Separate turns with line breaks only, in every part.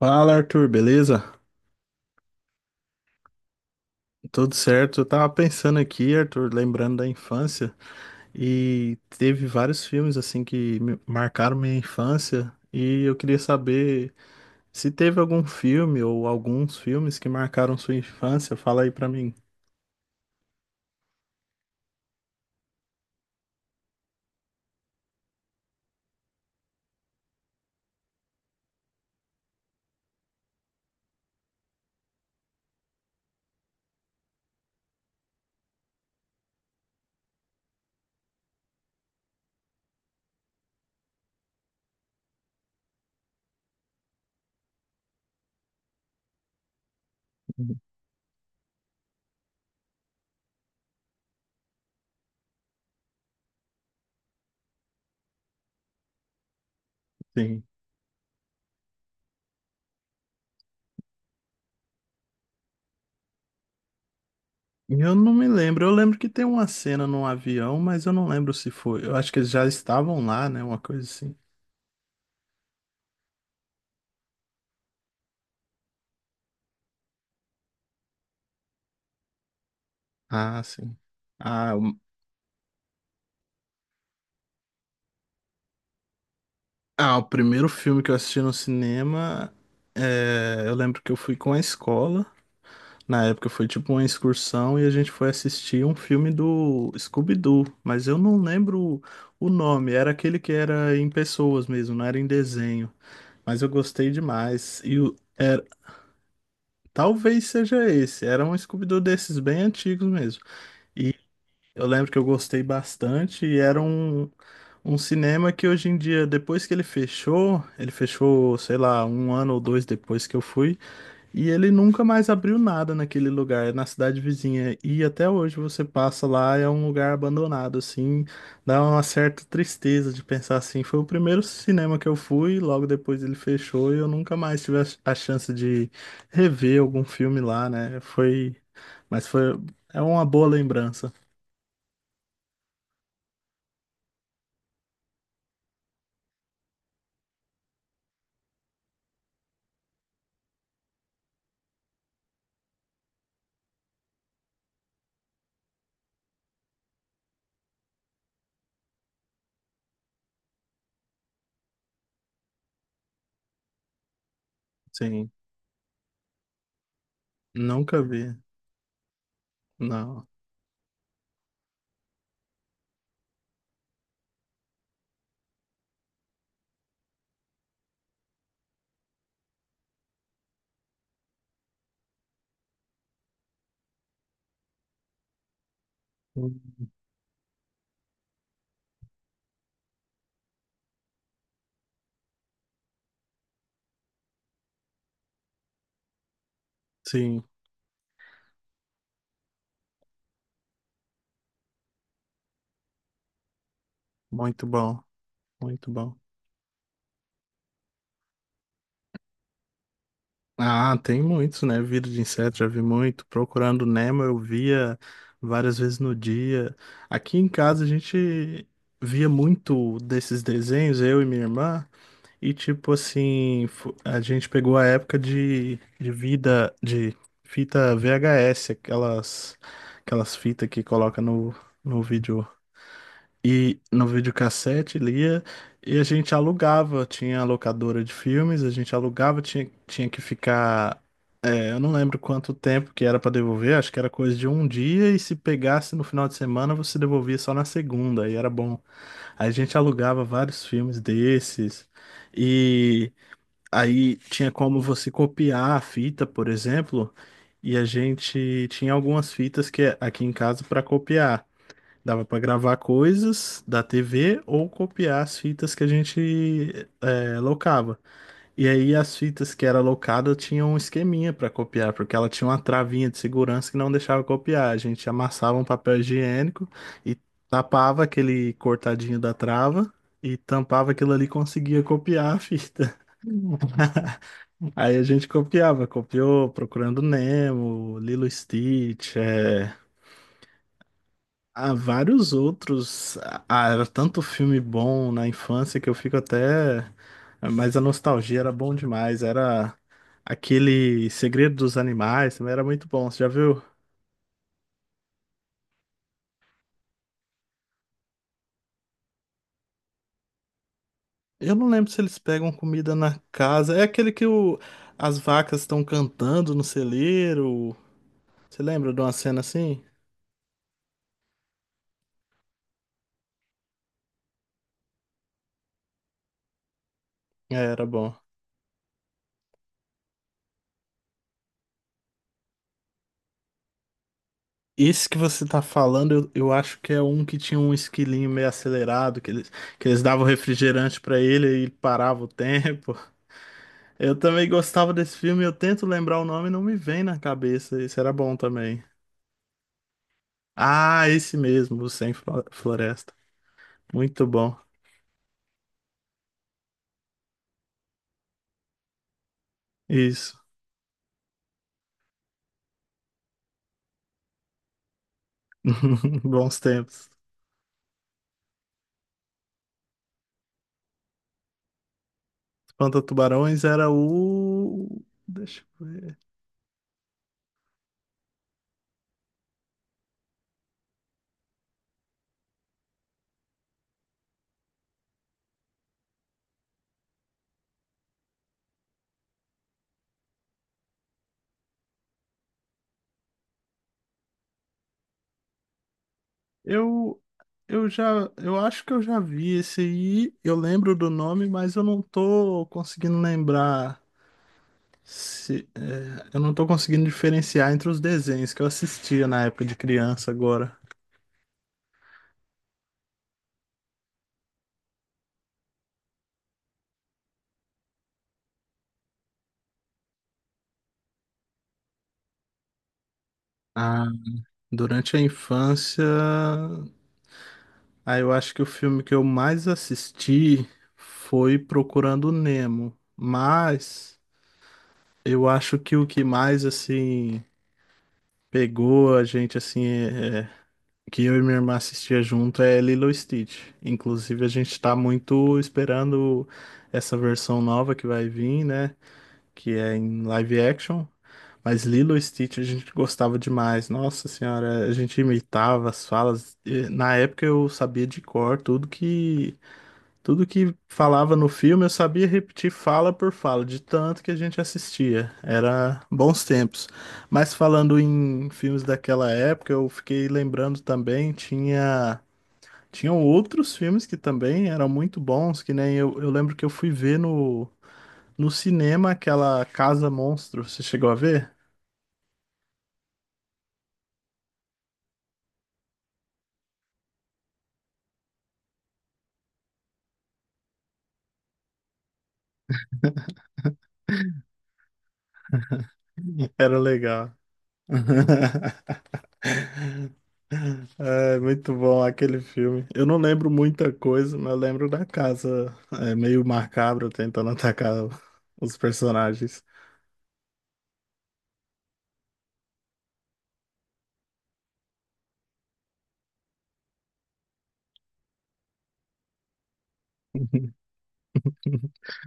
Fala, Arthur, beleza? Tudo certo? Eu tava pensando aqui, Arthur, lembrando da infância, e teve vários filmes assim que marcaram minha infância, e eu queria saber se teve algum filme ou alguns filmes que marcaram sua infância, fala aí pra mim. Uhum. Sim. Eu não me lembro, eu lembro que tem uma cena num avião, mas eu não lembro se foi. Eu acho que eles já estavam lá, né? Uma coisa assim. Ah, sim. Ah, Ah, o primeiro filme que eu assisti no cinema, eu lembro que eu fui com a escola. Na época foi tipo uma excursão e a gente foi assistir um filme do Scooby-Doo, mas eu não lembro o nome. Era aquele que era em pessoas mesmo, não era em desenho. Mas eu gostei demais. Talvez seja esse. Era um Scooby-Doo desses bem antigos mesmo. E eu lembro que eu gostei bastante e era um cinema que hoje em dia, depois que ele fechou, sei lá, um ano ou dois depois que eu fui, e ele nunca mais abriu nada naquele lugar, é na cidade vizinha. E até hoje você passa lá, é um lugar abandonado, assim, dá uma certa tristeza de pensar assim. Foi o primeiro cinema que eu fui, logo depois ele fechou, e eu nunca mais tive a chance de rever algum filme lá, né? Mas foi, é uma boa lembrança, sim. Nunca vi, não. Sim. Muito bom, muito bom. Ah, tem muitos, né? Vida de inseto, já vi muito. Procurando Nemo, eu via várias vezes no dia. Aqui em casa a gente via muito desses desenhos, eu e minha irmã, e tipo assim, a gente pegou a época de vida de fita VHS, aquelas, aquelas fitas que coloca no vídeo e no videocassete lia, e a gente alugava, tinha a locadora de filmes, a gente alugava, tinha que ficar, é, eu não lembro quanto tempo que era para devolver, acho que era coisa de um dia e se pegasse no final de semana você devolvia só na segunda, aí era bom. Aí a gente alugava vários filmes desses, e aí tinha como você copiar a fita, por exemplo, e a gente tinha algumas fitas que é aqui em casa para copiar. Dava para gravar coisas da TV ou copiar as fitas que a gente, é, locava. E aí as fitas que era locada tinham um esqueminha para copiar, porque ela tinha uma travinha de segurança que não deixava copiar. A gente amassava um papel higiênico e tapava aquele cortadinho da trava e tampava aquilo ali e conseguia copiar a fita. Aí a gente copiava, copiou Procurando Nemo, Lilo e Stitch, é, há vários outros. Ah, era tanto filme bom na infância que eu fico até. Mas a nostalgia era bom demais. Era aquele Segredo dos Animais, também era muito bom. Você já viu? Eu não lembro se eles pegam comida na casa. É aquele que o... as vacas estão cantando no celeiro. Você lembra de uma cena assim? É, era bom. Esse que você tá falando, eu acho que é um que tinha um esquilinho meio acelerado, que eles davam refrigerante pra ele e ele parava o tempo. Eu também gostava desse filme, eu tento lembrar o nome e não me vem na cabeça. Esse era bom também. Ah, esse mesmo, o Sem Flo- Floresta. Muito bom. Isso. Bons tempos. Espanta-Tubarões era o. Deixa eu ver. Eu, eu já. Eu acho que eu já vi esse aí. Eu lembro do nome, mas eu não tô conseguindo lembrar. Se, é, eu não tô conseguindo diferenciar entre os desenhos que eu assistia na época de criança agora. Ah, durante a infância, aí eu acho que o filme que eu mais assisti foi Procurando Nemo, mas eu acho que o que mais assim pegou a gente assim é que eu e minha irmã assistia junto é Lilo e Stitch. Inclusive a gente tá muito esperando essa versão nova que vai vir, né, que é em live action. Mas Lilo e Stitch a gente gostava demais. Nossa senhora, a gente imitava as falas. E, na época eu sabia de cor tudo que falava no filme, eu sabia repetir fala por fala, de tanto que a gente assistia. Era bons tempos. Mas falando em filmes daquela época, eu fiquei lembrando também, tinham outros filmes que também eram muito bons, que nem eu lembro que eu fui ver no no cinema aquela Casa Monstro. Você chegou a ver? Era legal. É muito bom aquele filme. Eu não lembro muita coisa, mas eu lembro da casa, é, meio macabra tentando atacar os personagens.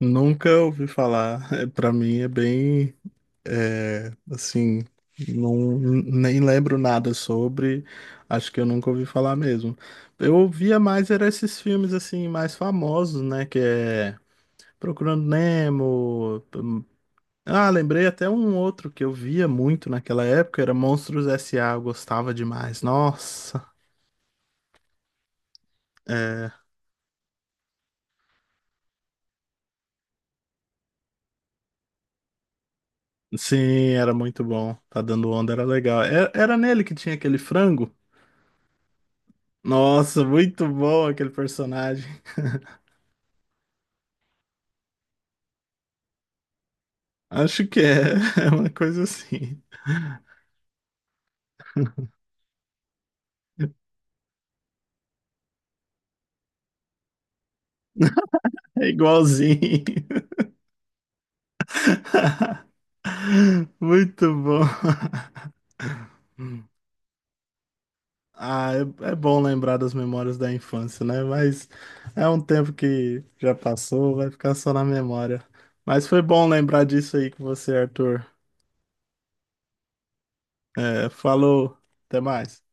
Nunca ouvi falar. Para mim é bem, assim, não, nem lembro nada sobre. Acho que eu nunca ouvi falar mesmo. Eu ouvia mais era esses filmes assim mais famosos, né? Que é Procurando Nemo, ah, lembrei até um outro que eu via muito naquela época, era Monstros S.A., eu gostava demais. Nossa, é, sim, era muito bom. Tá dando onda, era legal. Era nele que tinha aquele frango? Nossa, muito bom aquele personagem. Acho que é, é uma coisa assim. É igualzinho. Muito bom. Ah, é, é bom lembrar das memórias da infância, né? Mas é um tempo que já passou, vai ficar só na memória. Mas foi bom lembrar disso aí com você, Arthur. É, falou, até mais.